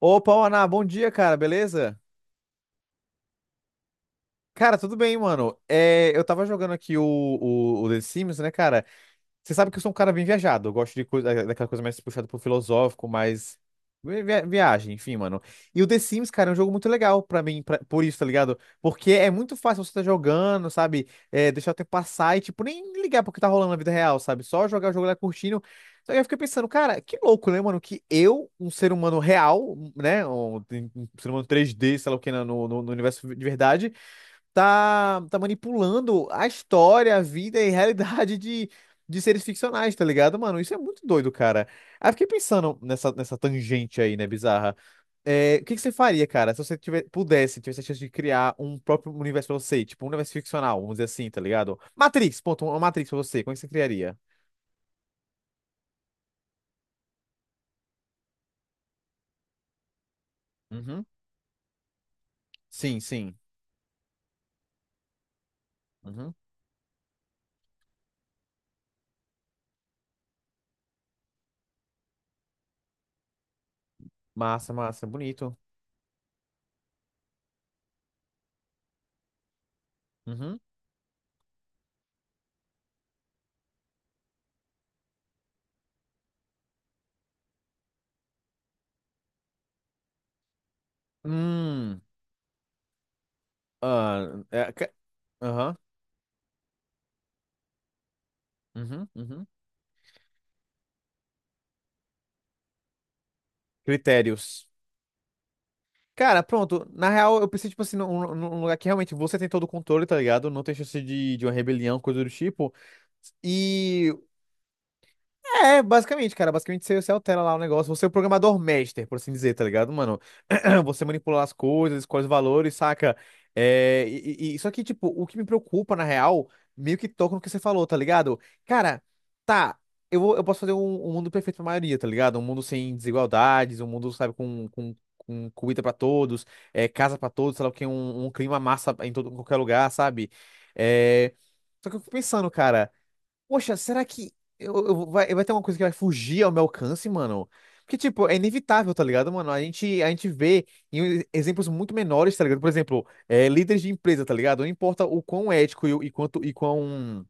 Opa, Ana, bom dia, cara, beleza? Cara, tudo bem, mano. Eu tava jogando aqui o The Sims, né, cara? Você sabe que eu sou um cara bem viajado. Eu gosto de coisa, daquela coisa mais puxada pro filosófico, mais viagem, enfim, mano. E o The Sims, cara, é um jogo muito legal pra mim, por isso, tá ligado? Porque é muito fácil você tá jogando, sabe? Deixar o tempo passar e, tipo, nem ligar pro que tá rolando na vida real, sabe? Só jogar o jogo lá curtindo. Então eu fiquei pensando, cara, que louco, né, mano? Que eu, um ser humano real, né? Um ser humano três d sei lá o que, né, no, no universo de verdade tá manipulando a história, a vida e a realidade de seres ficcionais, tá ligado, mano? Isso é muito doido, cara. Aí eu fiquei pensando nessa tangente aí, né, bizarra. O que que você faria, cara, se você tivesse a chance de criar um próprio universo pra você, tipo um universo ficcional, vamos dizer assim, tá ligado? Matrix, ponto, uma Matrix pra você, como é que você criaria? Uhum. Sim, sim. Uhum. Massa, massa, bonito. Uhum. Hum. Ah, é, ca- Aham. Uhum. Uhum. Critérios. Cara, pronto. Na real, eu pensei, tipo assim, num lugar que realmente você tem todo o controle, tá ligado? Não tem chance de uma rebelião, coisa do tipo. E é, basicamente, cara. Basicamente você altera lá o negócio. Você é o programador master, por assim dizer, tá ligado, mano? Você manipula as coisas, escolhe os valores, saca? Só que, tipo, o que me preocupa, na real, meio que toca no que você falou, tá ligado? Cara, tá. Eu posso fazer um mundo perfeito pra maioria, tá ligado? Um mundo sem desigualdades, um mundo, sabe, com comida pra todos, é, casa pra todos, sei lá o que, um clima massa em todo, em qualquer lugar, sabe? É, só que eu fico pensando, cara. Poxa, será que vai, vai ter uma coisa que vai fugir ao meu alcance, mano? Porque, tipo, é inevitável, tá ligado, mano? A gente vê em exemplos muito menores, tá ligado? Por exemplo, é, líderes de empresa, tá ligado? Não importa o quão ético e quanto e quão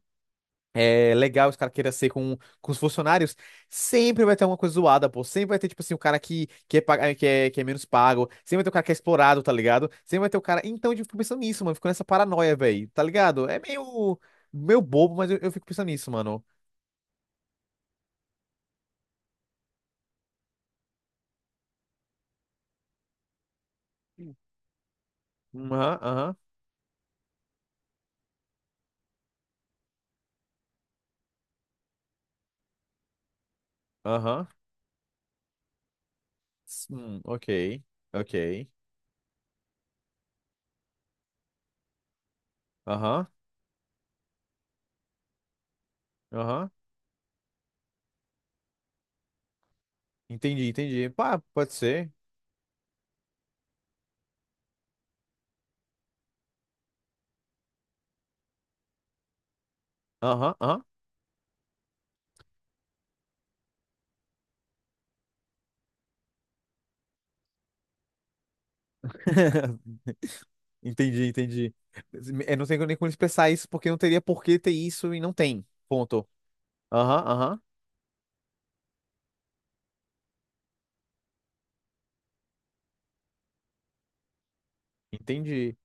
é, legal os caras queiram ser com os funcionários, sempre vai ter uma coisa zoada, pô. Sempre vai ter, tipo assim, o cara que, é, paga- que é menos pago, sempre vai ter o cara que é explorado, tá ligado? Sempre vai ter o cara. Então, eu fico pensando nisso, mano. Fico nessa paranoia, velho, tá ligado? É meio, meio bobo, mas eu fico pensando nisso, mano. Aham, aham, aham. Ok, ok. Aham, aham. Entendi, entendi. Pá, pode ser. Aham, aham. Entendi, entendi. Eu não tenho nem como expressar isso porque não teria por que ter isso e não tem. Ponto. Aham, aham. Entendi.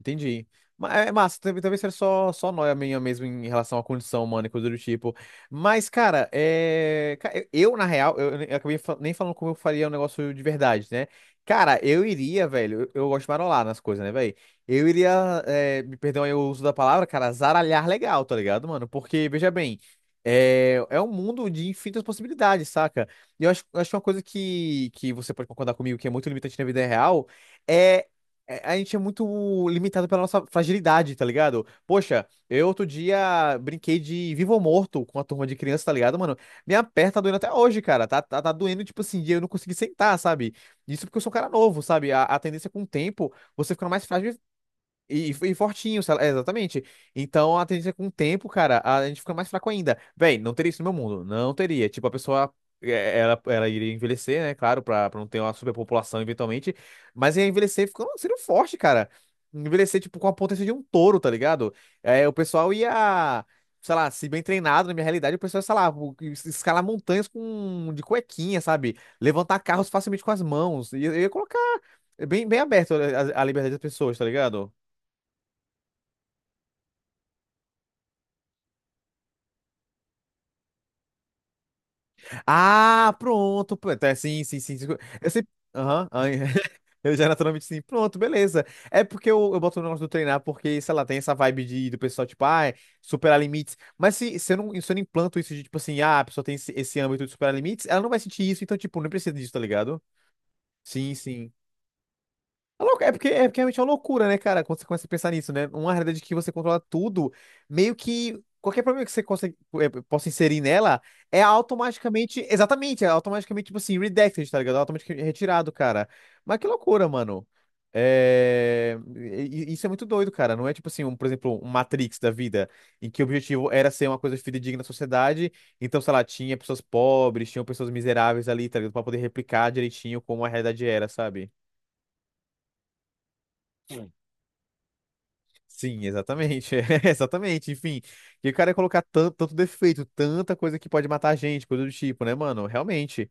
Entendi. É massa, talvez seja só, só nóia minha mesmo em relação à condição humana e coisa do tipo. Mas, cara, é... ca- eu, na real, eu acabei nem falando como eu faria um negócio de verdade, né? Cara, eu iria, velho, eu gosto de marolar nas coisas, né, velho? Eu iria, é, me perdão aí o uso da palavra, cara, zaralhar legal, tá ligado, mano? Porque, veja bem, é um mundo de infinitas possibilidades, saca? E eu acho uma coisa que você pode concordar comigo que é muito limitante na vida real. é A gente é muito limitado pela nossa fragilidade, tá ligado? Poxa, eu outro dia brinquei de vivo ou morto com a turma de criança, tá ligado, mano? Minha perna tá doendo até hoje, cara. Tá doendo, tipo assim, de eu não consegui sentar, sabe? Isso porque eu sou um cara novo, sabe? A tendência é com o tempo, você fica mais frágil e fortinho, sei lá, é, exatamente. Então, a tendência é que com o tempo, cara, a gente fica mais fraco ainda. Véi, não teria isso no meu mundo. Não teria. Tipo, a pessoa, ela iria envelhecer, né? Claro, pra não ter uma superpopulação eventualmente. Mas ia envelhecer ficando, sendo forte, cara. Envelhecer, tipo, com a potência de um touro, tá ligado? É, o pessoal ia, sei lá, se bem treinado, na minha realidade, o pessoal, sei lá, escalar montanhas com, de cuequinha, sabe? Levantar carros facilmente com as mãos. Eu ia colocar bem aberto a liberdade das pessoas, tá ligado? Ah, pronto. Pô, então, é, sim, sim, sim. Sim. Eu sempre. Aham. Ai, eu já naturalmente sim. Pronto, beleza. É porque eu boto o negócio do treinar, porque, sei lá, tem essa vibe de, do pessoal, tipo, ah, é superar limites. Mas se eu não, se eu não implanto isso de, tipo assim, ah, a pessoa tem esse âmbito de superar limites, ela não vai sentir isso, então, tipo, não precisa disso, tá ligado? Sim, sim. É porque, é porque realmente é uma loucura, né, cara? Quando você começa a pensar nisso, né? Uma realidade que você controla tudo, meio que qualquer problema que você consegue, possa inserir nela é automaticamente, exatamente, é automaticamente, tipo assim, redacted, tá ligado? É automaticamente retirado, cara. Mas que loucura, mano. Isso é muito doido, cara. Não é tipo assim, um, por exemplo, um Matrix da vida, em que o objetivo era ser uma coisa fidedigna na sociedade. Então, sei lá, tinha pessoas pobres, tinham pessoas miseráveis ali, tá ligado? Pra poder replicar direitinho como a realidade era, sabe? Sim, exatamente. Exatamente. Enfim, e o cara ia colocar tanto, tanto defeito, tanta coisa que pode matar a gente, coisa do tipo, né, mano? Realmente.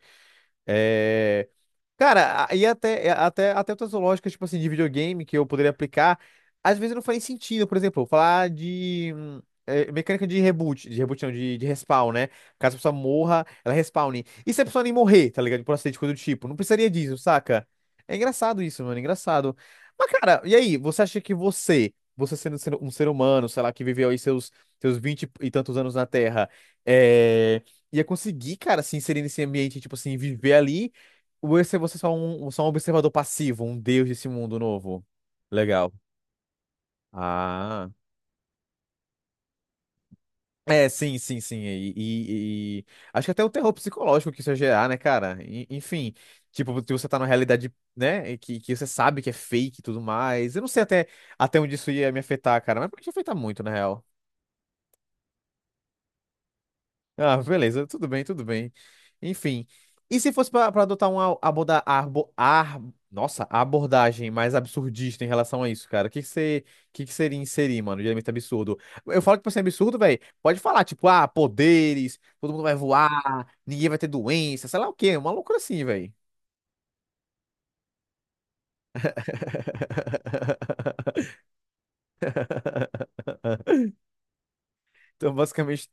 É, Cara, até outras lógicas, tipo assim, de videogame que eu poderia aplicar, às vezes não faz sentido. Por exemplo, falar de mecânica de de respawn, né? Caso a pessoa morra, ela respawne. E se a pessoa nem morrer, tá ligado? Por acidente, coisa do tipo. Não precisaria disso, saca? É engraçado isso, mano, é engraçado. Mas, cara, e aí? Você acha que você sendo um ser humano, sei lá, que viveu aí seus 20 e tantos anos na Terra, é... ia conseguir, cara, se inserir nesse ambiente, tipo assim, viver ali? Ou esse é você só um observador passivo, um deus desse mundo novo? Legal. Ah. É, sim, sim, sim. Acho que até o terror psicológico que isso ia gerar, né, cara? Enfim, tipo, se você tá numa realidade, né, que você sabe que é fake e tudo mais. Eu não sei até onde isso ia me afetar, cara, mas pode afetar muito, na real. Ah, beleza, tudo bem, tudo bem. Enfim. E se fosse para adotar uma abordagem mais absurdista em relação a isso, cara? O que que você, Que seria inserir, mano, de elemento absurdo? Eu falo que pra ser absurdo, velho. Pode falar, tipo, ah, poderes, todo mundo vai voar, ninguém vai ter doença, sei lá o quê, uma loucura assim, velho. Então, basicamente,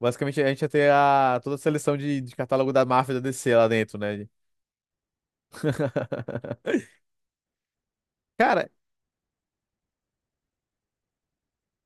basicamente a gente ia ter toda a seleção de catálogo da máfia da DC lá dentro, né? Cara,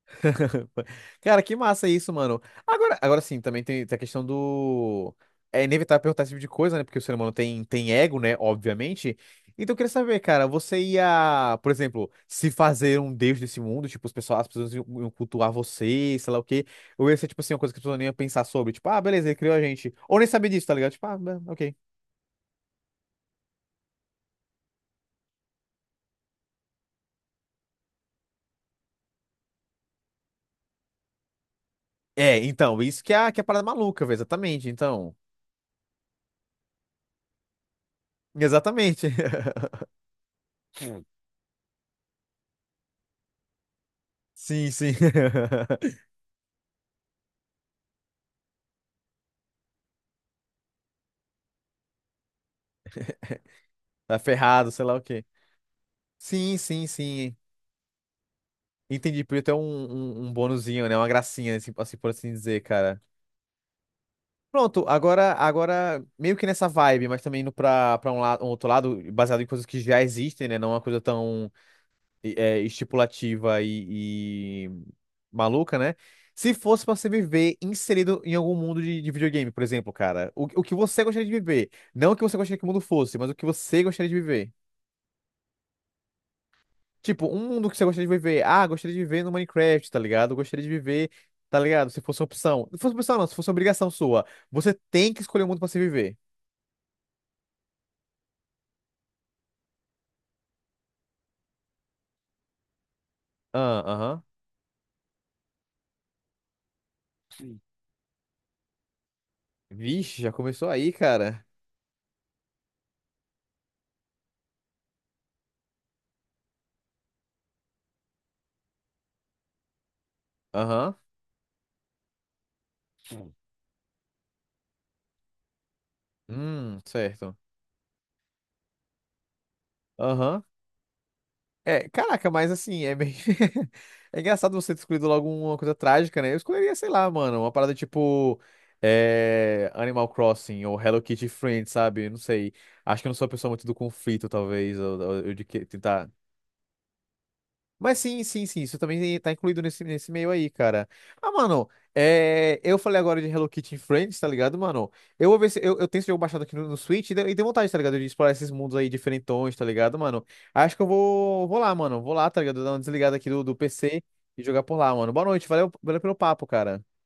cara, que massa isso, mano. Agora, agora sim, também tem a questão do. É inevitável perguntar esse tipo de coisa, né? Porque o ser humano tem ego, né? Obviamente. Então eu queria saber, cara, você ia, por exemplo, se fazer um deus desse mundo, tipo, os pessoal, as pessoas iam cultuar você, sei lá o quê. Ou ia ser, tipo assim, uma coisa que as pessoas nem iam pensar sobre, tipo, ah, beleza, ele criou a gente. Ou nem sabia disso, tá ligado? Tipo, ah, bem, ok. É, então, isso que que é a parada maluca, velho, exatamente, então. Exatamente. Sim, sim. Tá ferrado, sei lá o quê. Sim, sim, sim. Entendi. Podia ter um bonuzinho, né? Uma gracinha, assim, assim, por assim dizer, cara. Pronto, agora, agora, meio que nessa vibe, mas também indo pra um, lado um outro lado, baseado em coisas que já existem, né? Não uma coisa tão é, estipulativa e maluca, né? Se fosse pra você viver inserido em algum mundo de videogame, por exemplo, cara, o que você gostaria de viver? Não o que você gostaria que o mundo fosse, mas o que você gostaria de viver. Tipo, um mundo que você gostaria de viver. Ah, gostaria de viver no Minecraft, tá ligado? Gostaria de viver, tá ligado? Se fosse uma opção. Se fosse uma opção, não, se fosse uma obrigação sua. Você tem que escolher um mundo pra se viver. Ah, aham. Sim. Vixe, já começou aí, cara. Aham. Certo. Aham. É, caraca, mas assim, é meio. É engraçado você ter escolhido logo uma coisa trágica, né? Eu escolheria, sei lá, mano, uma parada tipo. Animal Crossing ou Hello Kitty Friends, sabe? Não sei. Acho que eu não sou uma pessoa muito do conflito, talvez, tentar mas sim, sim, sim, isso também tá incluído nesse meio aí, cara. Ah, mano, é, eu falei agora de Hello Kitty em Friends, tá ligado, mano? Eu vou ver se eu tenho esse jogo baixado aqui no, no Switch e deu vontade, tá ligado? De explorar esses mundos aí diferentões, tá ligado, mano? Acho que eu vou, vou lá, mano. Vou lá, tá ligado? Dar uma desligada aqui do, do PC e jogar por lá, mano. Boa noite, valeu, valeu pelo papo, cara.